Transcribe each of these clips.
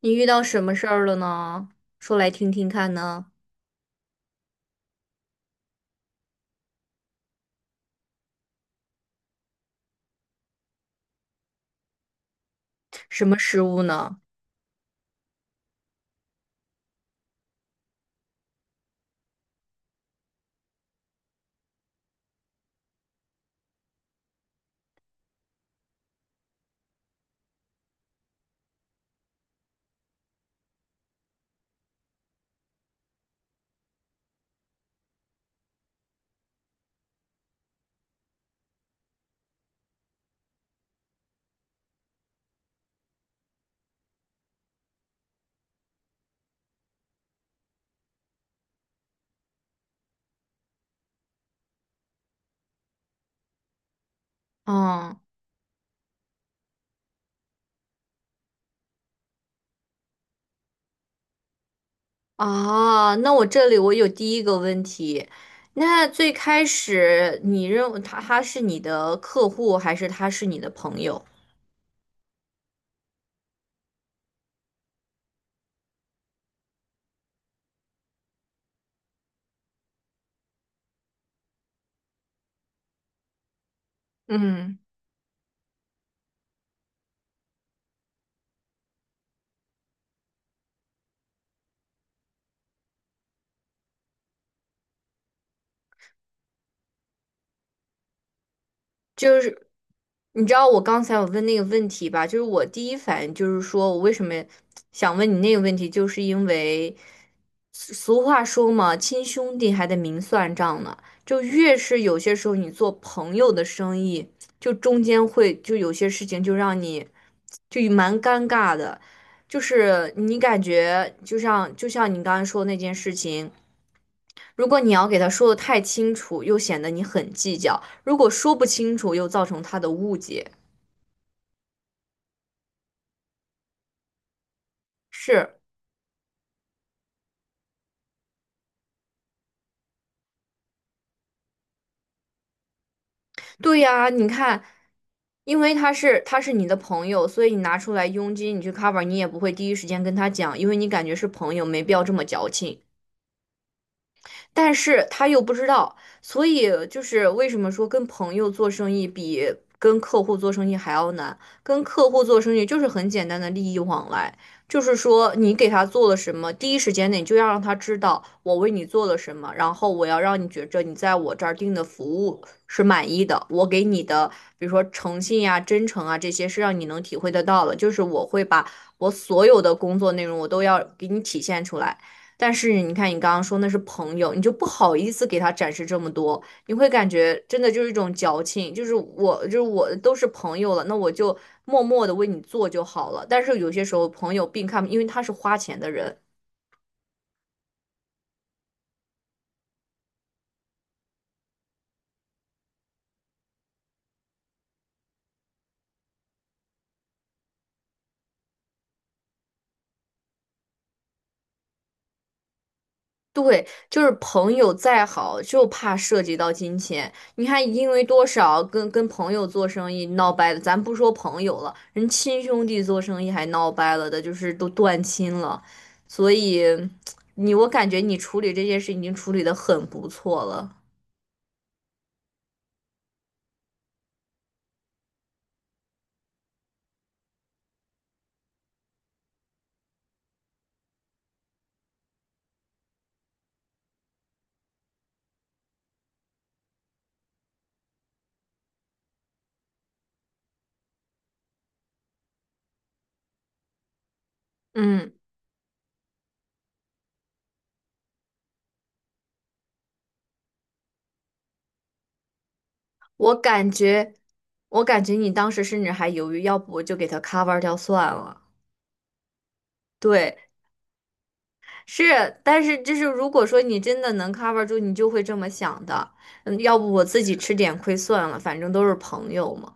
你遇到什么事儿了呢？说来听听看呢，什么失误呢？嗯啊，那我这里我有第一个问题，那最开始你认为他是你的客户还是他是你的朋友？嗯。就是你知道我刚才我问那个问题吧，就是我第一反应就是说我为什么想问你那个问题，就是因为俗话说嘛，亲兄弟还得明算账呢。就越是有些时候你做朋友的生意，就中间会就有些事情就让你就蛮尴尬的，就是你感觉就像你刚才说那件事情。如果你要给他说的太清楚，又显得你很计较；如果说不清楚，又造成他的误解。是，对呀，你看，因为他是你的朋友，所以你拿出来佣金，你去 cover，你也不会第一时间跟他讲，因为你感觉是朋友，没必要这么矫情。但是他又不知道，所以就是为什么说跟朋友做生意比跟客户做生意还要难？跟客户做生意就是很简单的利益往来，就是说你给他做了什么，第一时间内就要让他知道我为你做了什么，然后我要让你觉着你在我这儿订的服务是满意的，我给你的，比如说诚信呀、真诚啊这些是让你能体会得到的，就是我会把我所有的工作内容我都要给你体现出来。但是你看，你刚刚说那是朋友，你就不好意思给他展示这么多，你会感觉真的就是一种矫情，就是我都是朋友了，那我就默默的为你做就好了。但是有些时候，朋友并看，因为他是花钱的人，对，就是朋友再好，就怕涉及到金钱。你看，因为多少跟朋友做生意闹掰了，咱不说朋友了，人亲兄弟做生意还闹掰了的，就是都断亲了。所以，你我感觉你处理这件事已经处理的很不错了。嗯，我感觉，我感觉，你当时甚至还犹豫，要不我就给他 cover 掉算了。对，是，但是就是如果说你真的能 cover 住，你就会这么想的。要不我自己吃点亏算了，反正都是朋友嘛。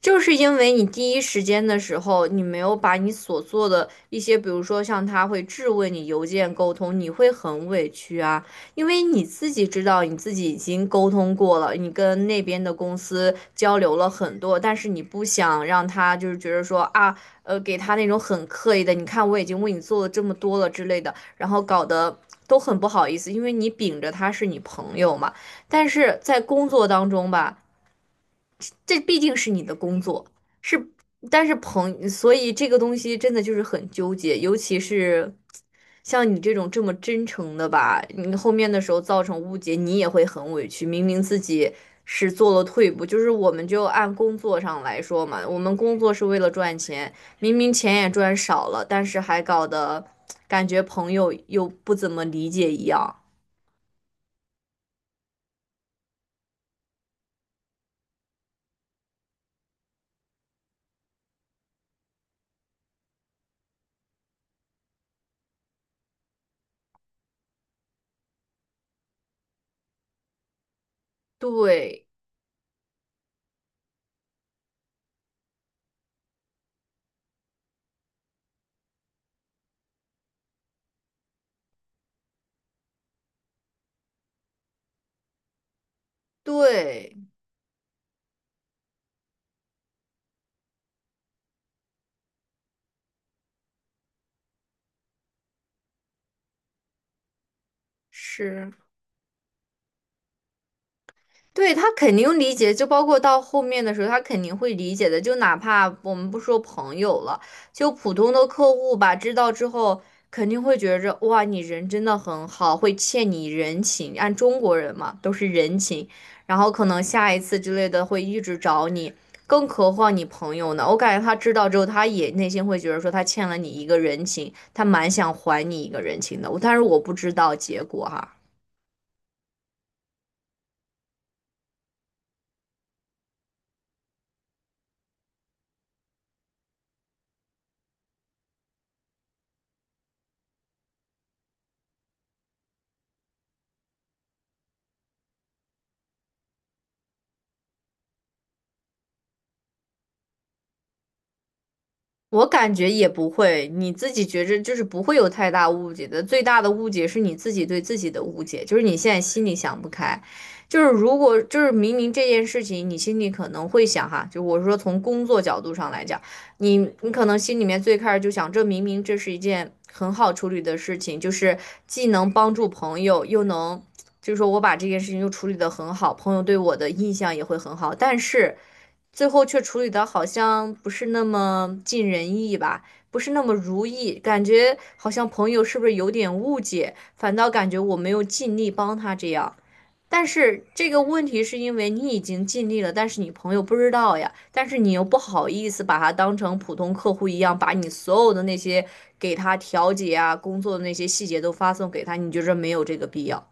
就是因为你第一时间的时候，你没有把你所做的一些，比如说像他会质问你邮件沟通，你会很委屈啊，因为你自己知道你自己已经沟通过了，你跟那边的公司交流了很多，但是你不想让他就是觉得说啊，给他那种很刻意的，你看我已经为你做了这么多了之类的，然后搞得都很不好意思，因为你秉着他是你朋友嘛，但是在工作当中吧，这毕竟是你的工作，是，但是所以这个东西真的就是很纠结，尤其是像你这种这么真诚的吧，你后面的时候造成误解，你也会很委屈。明明自己是做了退步，就是我们就按工作上来说嘛，我们工作是为了赚钱，明明钱也赚少了，但是还搞得感觉朋友又不怎么理解一样。对对，是。对，他肯定理解，就包括到后面的时候，他肯定会理解的。就哪怕我们不说朋友了，就普通的客户吧，知道之后肯定会觉着哇，你人真的很好，会欠你人情。按中国人嘛，都是人情，然后可能下一次之类的会一直找你，更何况你朋友呢？我感觉他知道之后，他也内心会觉得说他欠了你一个人情，他蛮想还你一个人情的。但是我不知道结果哈。我感觉也不会，你自己觉着就是不会有太大误解的。最大的误解是你自己对自己的误解，就是你现在心里想不开。就是如果就是明明这件事情，你心里可能会想哈，就我说从工作角度上来讲，你可能心里面最开始就想，这明明是一件很好处理的事情，就是既能帮助朋友，又能就是说我把这件事情又处理得很好，朋友对我的印象也会很好，但是。最后却处理的好像不是那么尽人意吧，不是那么如意，感觉好像朋友是不是有点误解，反倒感觉我没有尽力帮他这样。但是这个问题是因为你已经尽力了，但是你朋友不知道呀，但是你又不好意思把他当成普通客户一样，把你所有的那些给他调解啊、工作的那些细节都发送给他，你觉着没有这个必要？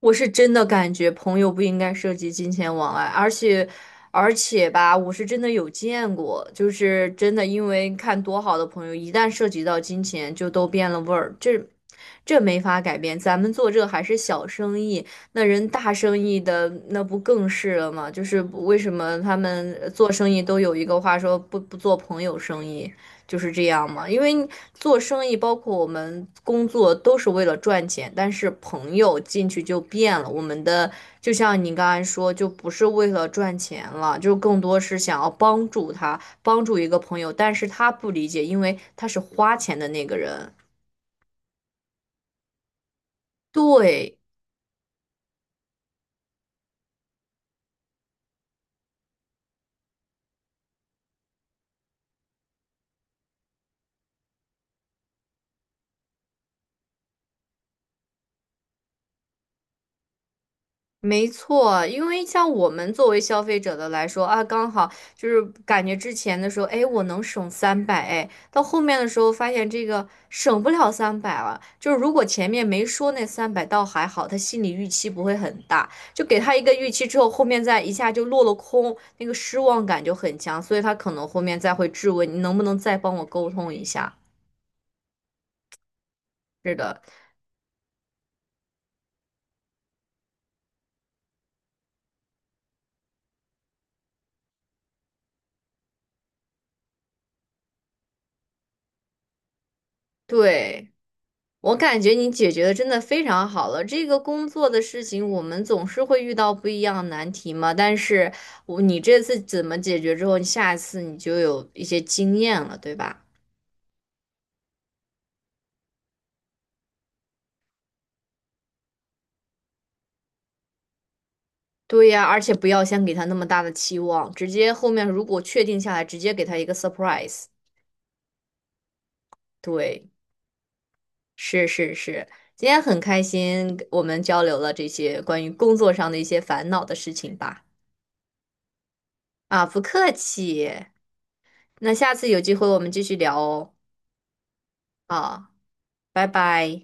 我是真的感觉朋友不应该涉及金钱往来，而且，而且吧，我是真的有见过，就是真的因为看多好的朋友，一旦涉及到金钱，就都变了味儿，这没法改变。咱们做这还是小生意，那人大生意的那不更是了吗？就是为什么他们做生意都有一个话说不做朋友生意？就是这样嘛，因为做生意，包括我们工作，都是为了赚钱。但是朋友进去就变了，我们的就像你刚才说，就不是为了赚钱了，就更多是想要帮助他，帮助一个朋友。但是他不理解，因为他是花钱的那个人。对，没错，因为像我们作为消费者的来说啊，刚好就是感觉之前的时候，哎，我能省三百，哎，到后面的时候发现这个省不了三百了。就是如果前面没说那三百倒还好，他心理预期不会很大，就给他一个预期之后，后面再一下就落了空，那个失望感就很强，所以他可能后面再会质问你能不能再帮我沟通一下。是的，对。我感觉你解决的真的非常好了。这个工作的事情，我们总是会遇到不一样的难题嘛。但是我你这次怎么解决之后，你下一次你就有一些经验了，对吧？对呀，而且不要先给他那么大的期望，直接后面如果确定下来，直接给他一个 surprise。对，是是是，今天很开心，我们交流了这些关于工作上的一些烦恼的事情吧。啊，不客气。那下次有机会我们继续聊哦。啊。拜拜。